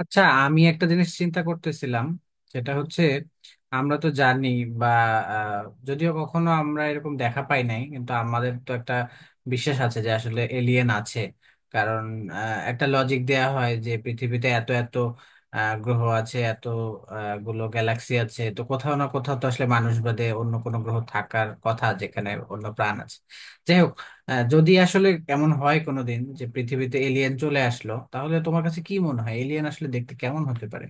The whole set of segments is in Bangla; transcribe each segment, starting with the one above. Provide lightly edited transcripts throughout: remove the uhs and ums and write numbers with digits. আচ্ছা, আমি একটা জিনিস চিন্তা করতেছিলাম। সেটা হচ্ছে আমরা তো জানি বা আহ, যদিও কখনো আমরা এরকম দেখা পাই নাই, কিন্তু আমাদের তো একটা বিশ্বাস আছে যে আসলে এলিয়েন আছে। কারণ একটা লজিক দেয়া হয় যে পৃথিবীতে এত এত গ্রহ আছে, এত গুলো গ্যালাক্সি আছে, তো কোথাও না কোথাও তো আসলে মানুষ বাদে অন্য কোনো গ্রহ থাকার কথা যেখানে অন্য প্রাণ আছে। যাই হোক, হ্যাঁ, যদি আসলে এমন হয় কোনোদিন যে পৃথিবীতে এলিয়েন চলে আসলো, তাহলে তোমার কাছে কি মনে হয় এলিয়েন আসলে দেখতে কেমন হতে পারে?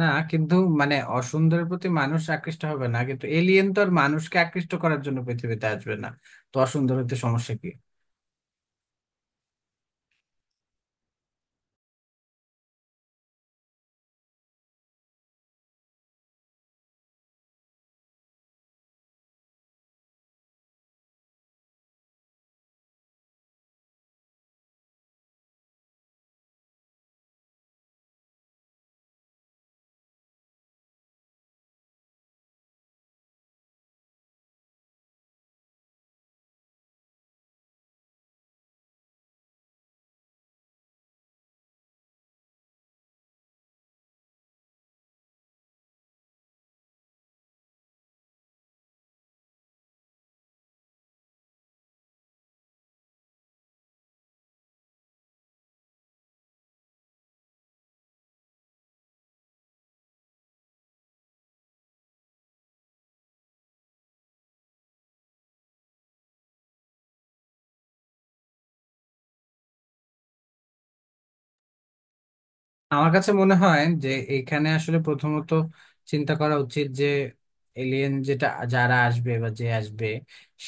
না, কিন্তু মানে অসুন্দরের প্রতি মানুষ আকৃষ্ট হবে না, কিন্তু এলিয়েন তো আর মানুষকে আকৃষ্ট করার জন্য পৃথিবীতে আসবে না। তো অসুন্দর হতে সমস্যা কি? আমার কাছে মনে হয় যে এখানে আসলে প্রথমত চিন্তা করা উচিত যে এলিয়েন যেটা, যারা আসবে বা যে আসবে,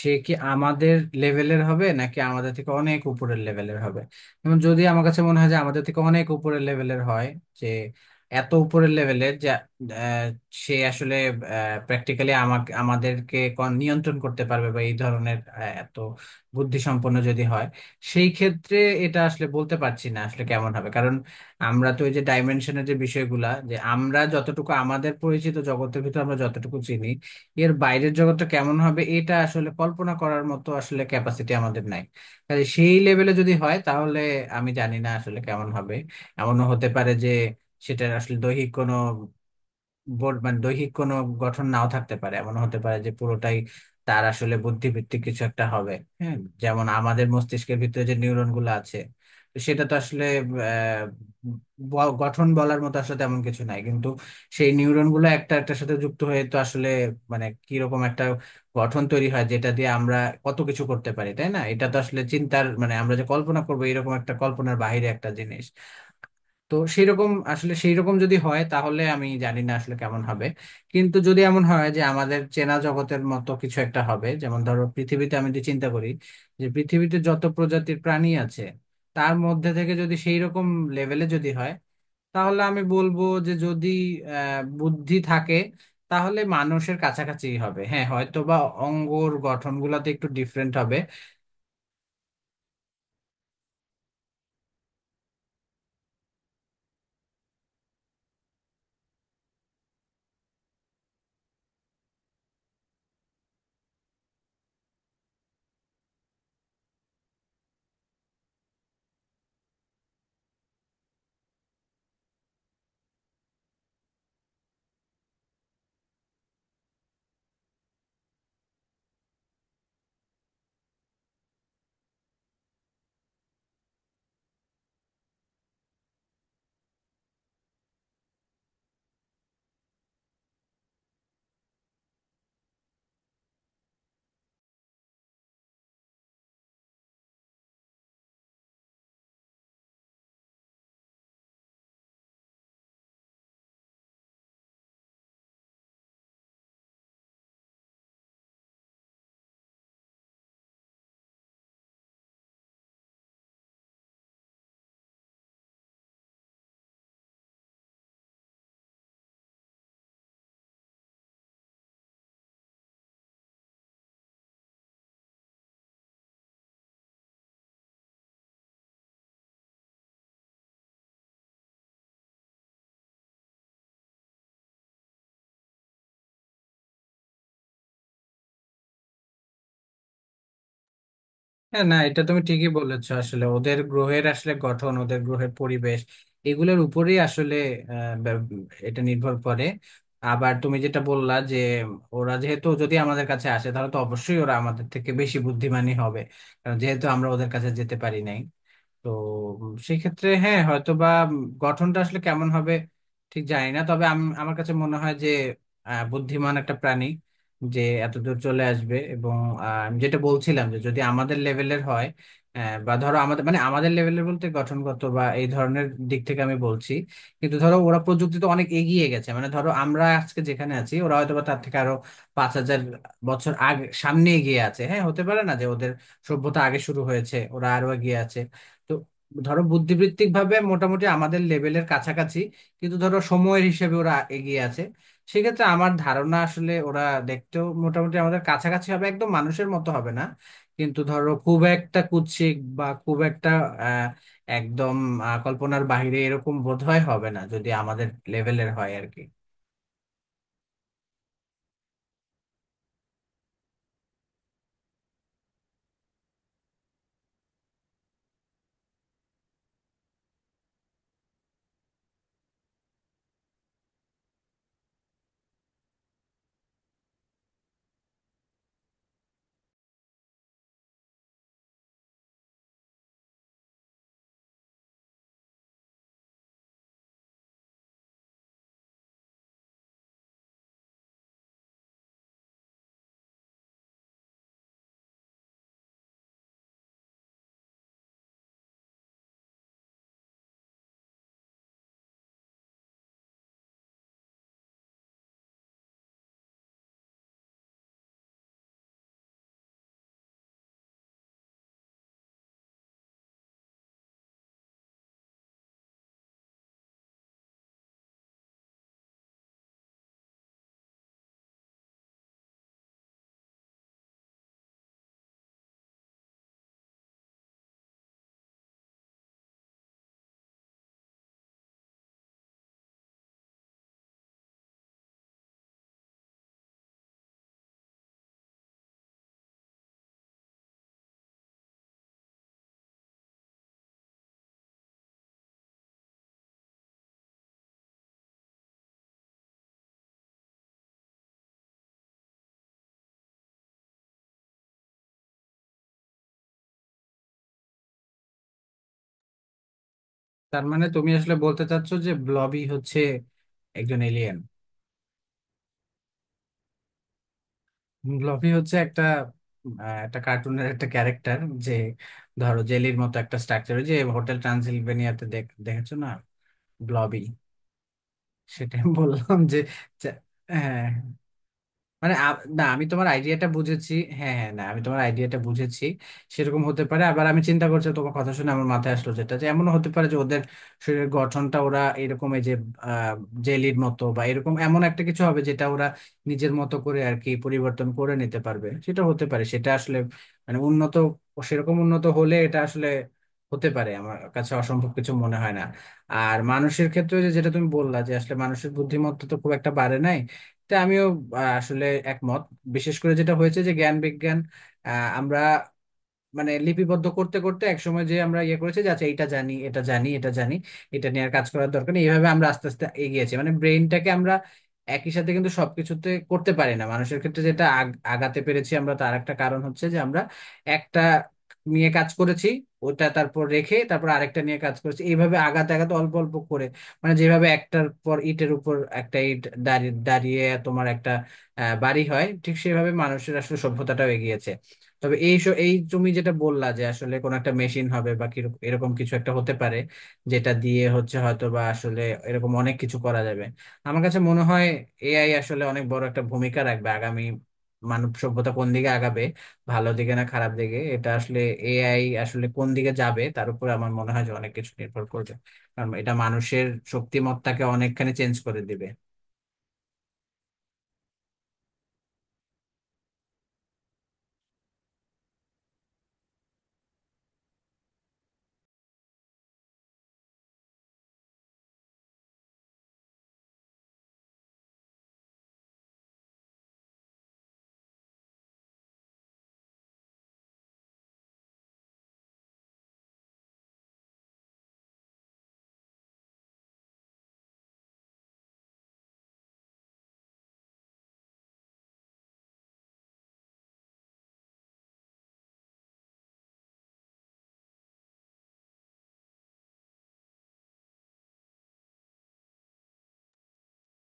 সে কি আমাদের লেভেলের হবে নাকি আমাদের থেকে অনেক উপরের লেভেলের হবে। যেমন, যদি আমার কাছে মনে হয় যে আমাদের থেকে অনেক উপরের লেভেলের হয়, যে এত উপরের লেভেলের যে সে আসলে প্র্যাকটিক্যালি আমাকে, আমাদেরকে নিয়ন্ত্রণ করতে পারবে বা এই ধরনের, এত বুদ্ধিসম্পন্ন যদি হয়, সেই ক্ষেত্রে এটা আসলে বলতে পারছি না আসলে কেমন হবে। আমরা তো ওই যে ডাইমেনশনের যে বিষয়গুলা, যে আমরা যতটুকু আমাদের পরিচিত জগতের ভিতর আমরা যতটুকু চিনি, এর বাইরের জগৎটা কেমন হবে এটা আসলে কল্পনা করার মতো আসলে ক্যাপাসিটি আমাদের নাই। কাজে সেই লেভেলে যদি হয় তাহলে আমি জানি না আসলে কেমন হবে। এমনও হতে পারে যে সেটার আসলে দৈহিক কোনো বোর্ড, মানে দৈহিক কোনো গঠন নাও থাকতে পারে, এমন হতে পারে যে পুরোটাই তার আসলে বুদ্ধিভিত্তিক কিছু একটা হবে। হ্যাঁ, যেমন আমাদের মস্তিষ্কের ভিতরে যে নিউরন গুলো আছে, তো সেটা তো আসলে আহ, গঠন বলার মতো আসলে তেমন কিছু নাই, কিন্তু সেই নিউরন গুলো একটা একটার সাথে যুক্ত হয়ে তো আসলে মানে কিরকম একটা গঠন তৈরি হয় যেটা দিয়ে আমরা কত কিছু করতে পারি, তাই না? এটা তো আসলে চিন্তার, মানে আমরা যে কল্পনা করবো এরকম একটা কল্পনার বাইরে একটা জিনিস। তো সেইরকম আসলে, সেইরকম যদি হয় তাহলে আমি জানি না আসলে কেমন হবে। কিন্তু যদি এমন হয় যে আমাদের চেনা জগতের মতো কিছু একটা হবে, যেমন ধরো পৃথিবীতে আমি যদি চিন্তা করি যে পৃথিবীতে যত প্রজাতির প্রাণী আছে তার মধ্যে থেকে যদি সেই রকম লেভেলে যদি হয়, তাহলে আমি বলবো যে যদি বুদ্ধি থাকে তাহলে মানুষের কাছাকাছি হবে। হ্যাঁ, হয়তো বা অঙ্গর গঠনগুলোতে একটু ডিফারেন্ট হবে। হ্যাঁ, না, এটা তুমি ঠিকই বলেছো, আসলে ওদের গ্রহের আসলে গঠন, ওদের গ্রহের পরিবেশ এগুলোর উপরেই আসলে আহ, ব্যব- এটা নির্ভর করে। আবার তুমি যেটা বললা যে ওরা যেহেতু যদি আমাদের কাছে আসে তাহলে তো অবশ্যই ওরা আমাদের থেকে বেশি বুদ্ধিমানী হবে, কারণ যেহেতু আমরা ওদের কাছে যেতে পারি নাই। তো সেক্ষেত্রে হ্যাঁ হয়তো বা গঠনটা আসলে কেমন হবে ঠিক জানি না, তবে আমি, আমার কাছে মনে হয় যে বুদ্ধিমান একটা প্রাণী যে এত দূর চলে আসবে এবং আমি যেটা বলছিলাম যে যদি আমাদের লেভেলের হয়, বা ধরো আমাদের মানে আমাদের লেভেলের বলতে গঠনগত বা এই ধরনের দিক থেকে আমি বলছি, কিন্তু ধরো ওরা প্রযুক্তিতে অনেক এগিয়ে গেছে, মানে ধরো আমরা আজকে যেখানে আছি ওরা হয়তো বা তার থেকে আরো 5,000 বছর আগে, সামনে এগিয়ে আছে। হ্যাঁ, হতে পারে না যে ওদের সভ্যতা আগে শুরু হয়েছে, ওরা আরো এগিয়ে আছে। তো ধরো বুদ্ধিবৃত্তিক ভাবে মোটামুটি আমাদের লেভেলের কাছাকাছি, কিন্তু ধরো সময়ের হিসেবে ওরা এগিয়ে আছে, সেক্ষেত্রে আমার ধারণা আসলে ওরা দেখতেও মোটামুটি আমাদের কাছাকাছি হবে, একদম মানুষের মতো হবে না, কিন্তু ধরো খুব একটা কুৎসিক বা খুব একটা আহ একদম কল্পনার বাইরে এরকম বোধহয় হবে না, যদি আমাদের লেভেলের হয় আর কি। তার মানে তুমি আসলে বলতে চাচ্ছো যে ব্লবি হচ্ছে একজন এলিয়েন। ব্লবি হচ্ছে একটা একটা কার্টুনের একটা ক্যারেক্টার, যে ধরো জেলির মতো একটা স্ট্রাকচার, যে হোটেল ট্রান্সিলভেনিয়াতে দেখেছো না, ব্লবি। সেটাই বললাম যে যে- হ্যাঁ। মানে না, আমি তোমার আইডিয়াটা বুঝেছি। হ্যাঁ হ্যাঁ, না, আমি তোমার আইডিয়াটা বুঝেছি। সেরকম হতে পারে, আবার আমি চিন্তা করছি তোমার কথা শুনে আমার মাথায় আসলো যেটা, যে এমন হতে পারে যে ওদের শরীরের গঠনটা ওরা এরকম, এই যে জেলির মতো বা এরকম এমন একটা কিছু হবে যেটা ওরা নিজের মতো করে আর কি পরিবর্তন করে নিতে পারবে। সেটা হতে পারে, সেটা আসলে মানে উন্নত, সেরকম উন্নত হলে এটা আসলে হতে পারে, আমার কাছে অসম্ভব কিছু মনে হয় না। আর মানুষের ক্ষেত্রে ওই যে যেটা তুমি বললা যে আসলে মানুষের বুদ্ধিমত্তা তো খুব একটা বাড়ে নাই, তা আমিও আসলে একমত। বিশেষ করে যেটা হয়েছে যে জ্ঞান বিজ্ঞান আমরা মানে লিপিবদ্ধ করতে করতে একসময় যে আমরা ইয়ে করেছি যে আচ্ছা, এটা জানি, এটা জানি, এটা জানি, এটা নিয়ে আর কাজ করার দরকার নেই, এইভাবে আমরা আস্তে আস্তে এগিয়েছি। মানে ব্রেইনটাকে আমরা একই সাথে কিন্তু সবকিছুতে করতে পারি না, মানুষের ক্ষেত্রে যেটা আগাতে পেরেছি আমরা, তার একটা কারণ হচ্ছে যে আমরা একটা নিয়ে কাজ করেছি, ওটা তারপর রেখে তারপর আরেকটা নিয়ে কাজ করেছি, এইভাবে আগাতে আগাতে অল্প অল্প করে, মানে যেভাবে একটার পর ইটের উপর একটা ইট দাঁড়িয়ে দাঁড়িয়ে তোমার একটা বাড়ি হয়, ঠিক সেভাবে মানুষের আসলে সভ্যতাটাও এগিয়েছে। তবে এই এই তুমি যেটা বললা যে আসলে কোন একটা মেশিন হবে বা এরকম কিছু একটা হতে পারে যেটা দিয়ে হচ্ছে হয়তো বা আসলে এরকম অনেক কিছু করা যাবে, আমার কাছে মনে হয় এআই আসলে অনেক বড় একটা ভূমিকা রাখবে আগামী। মানব সভ্যতা কোন দিকে আগাবে, ভালো দিকে না খারাপ দিকে, এটা আসলে এআই আসলে কোন দিকে যাবে তার উপর আমার মনে হয় যে অনেক কিছু নির্ভর করবে। কারণ এটা মানুষের শক্তিমত্তাকে অনেকখানি চেঞ্জ করে দিবে।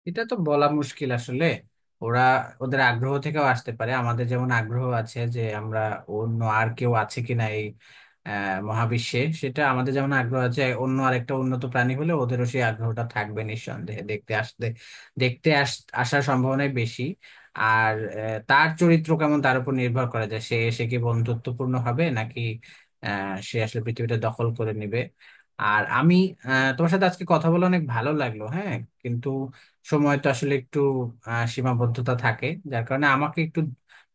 এটা তো বলা মুশকিল আসলে। ওরা ওদের আগ্রহ থেকেও আসতে পারে, আমাদের যেমন আগ্রহ আছে যে আমরা অন্য আর কেউ আছে কিনা এই মহাবিশ্বে, সেটা আমাদের যেমন আগ্রহ আছে, অন্য আরেকটা উন্নত প্রাণী হলে ওদেরও সেই আগ্রহটা থাকবে নিঃসন্দেহে দেখতে আসতে, দেখতে আস আসার সম্ভাবনাই বেশি। আর তার চরিত্র কেমন তার উপর নির্ভর করা যায় সে এসে কি বন্ধুত্বপূর্ণ হবে নাকি সে আসলে পৃথিবীটা দখল করে নেবে। আর আমি তোমার সাথে আজকে কথা বলে অনেক ভালো লাগলো। হ্যাঁ, কিন্তু সময়টা আসলে একটু সীমাবদ্ধতা থাকে যার কারণে আমাকে একটু,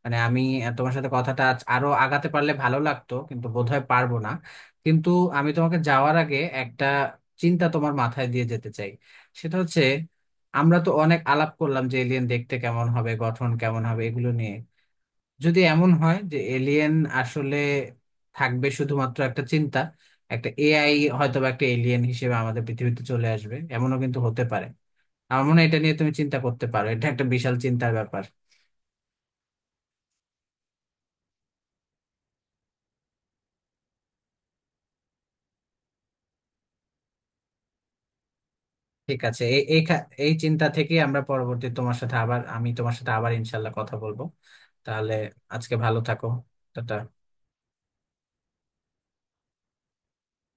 মানে আমি তোমার সাথে কথাটা আজ আরো আগাতে পারলে ভালো লাগতো, কিন্তু বোধহয় পারবো না। কিন্তু আমি তোমাকে যাওয়ার আগে একটা চিন্তা তোমার মাথায় দিয়ে যেতে চাই। সেটা হচ্ছে আমরা তো অনেক আলাপ করলাম যে এলিয়েন দেখতে কেমন হবে, গঠন কেমন হবে, এগুলো নিয়ে। যদি এমন হয় যে এলিয়েন আসলে থাকবে শুধুমাত্র একটা চিন্তা, একটা এআই হয়তো বা একটা এলিয়েন হিসেবে আমাদের পৃথিবীতে চলে আসবে, এমনও কিন্তু হতে পারে। আমার মনে হয় এটা নিয়ে তুমি চিন্তা করতে পারো, এটা একটা বিশাল চিন্তার ব্যাপার। ঠিক আছে, এই এই এই চিন্তা থেকে আমরা পরবর্তী, তোমার সাথে আবার আমি তোমার সাথে আবার ইনশাল্লাহ কথা বলবো তাহলে। আজকে ভালো থাকো। টাটা।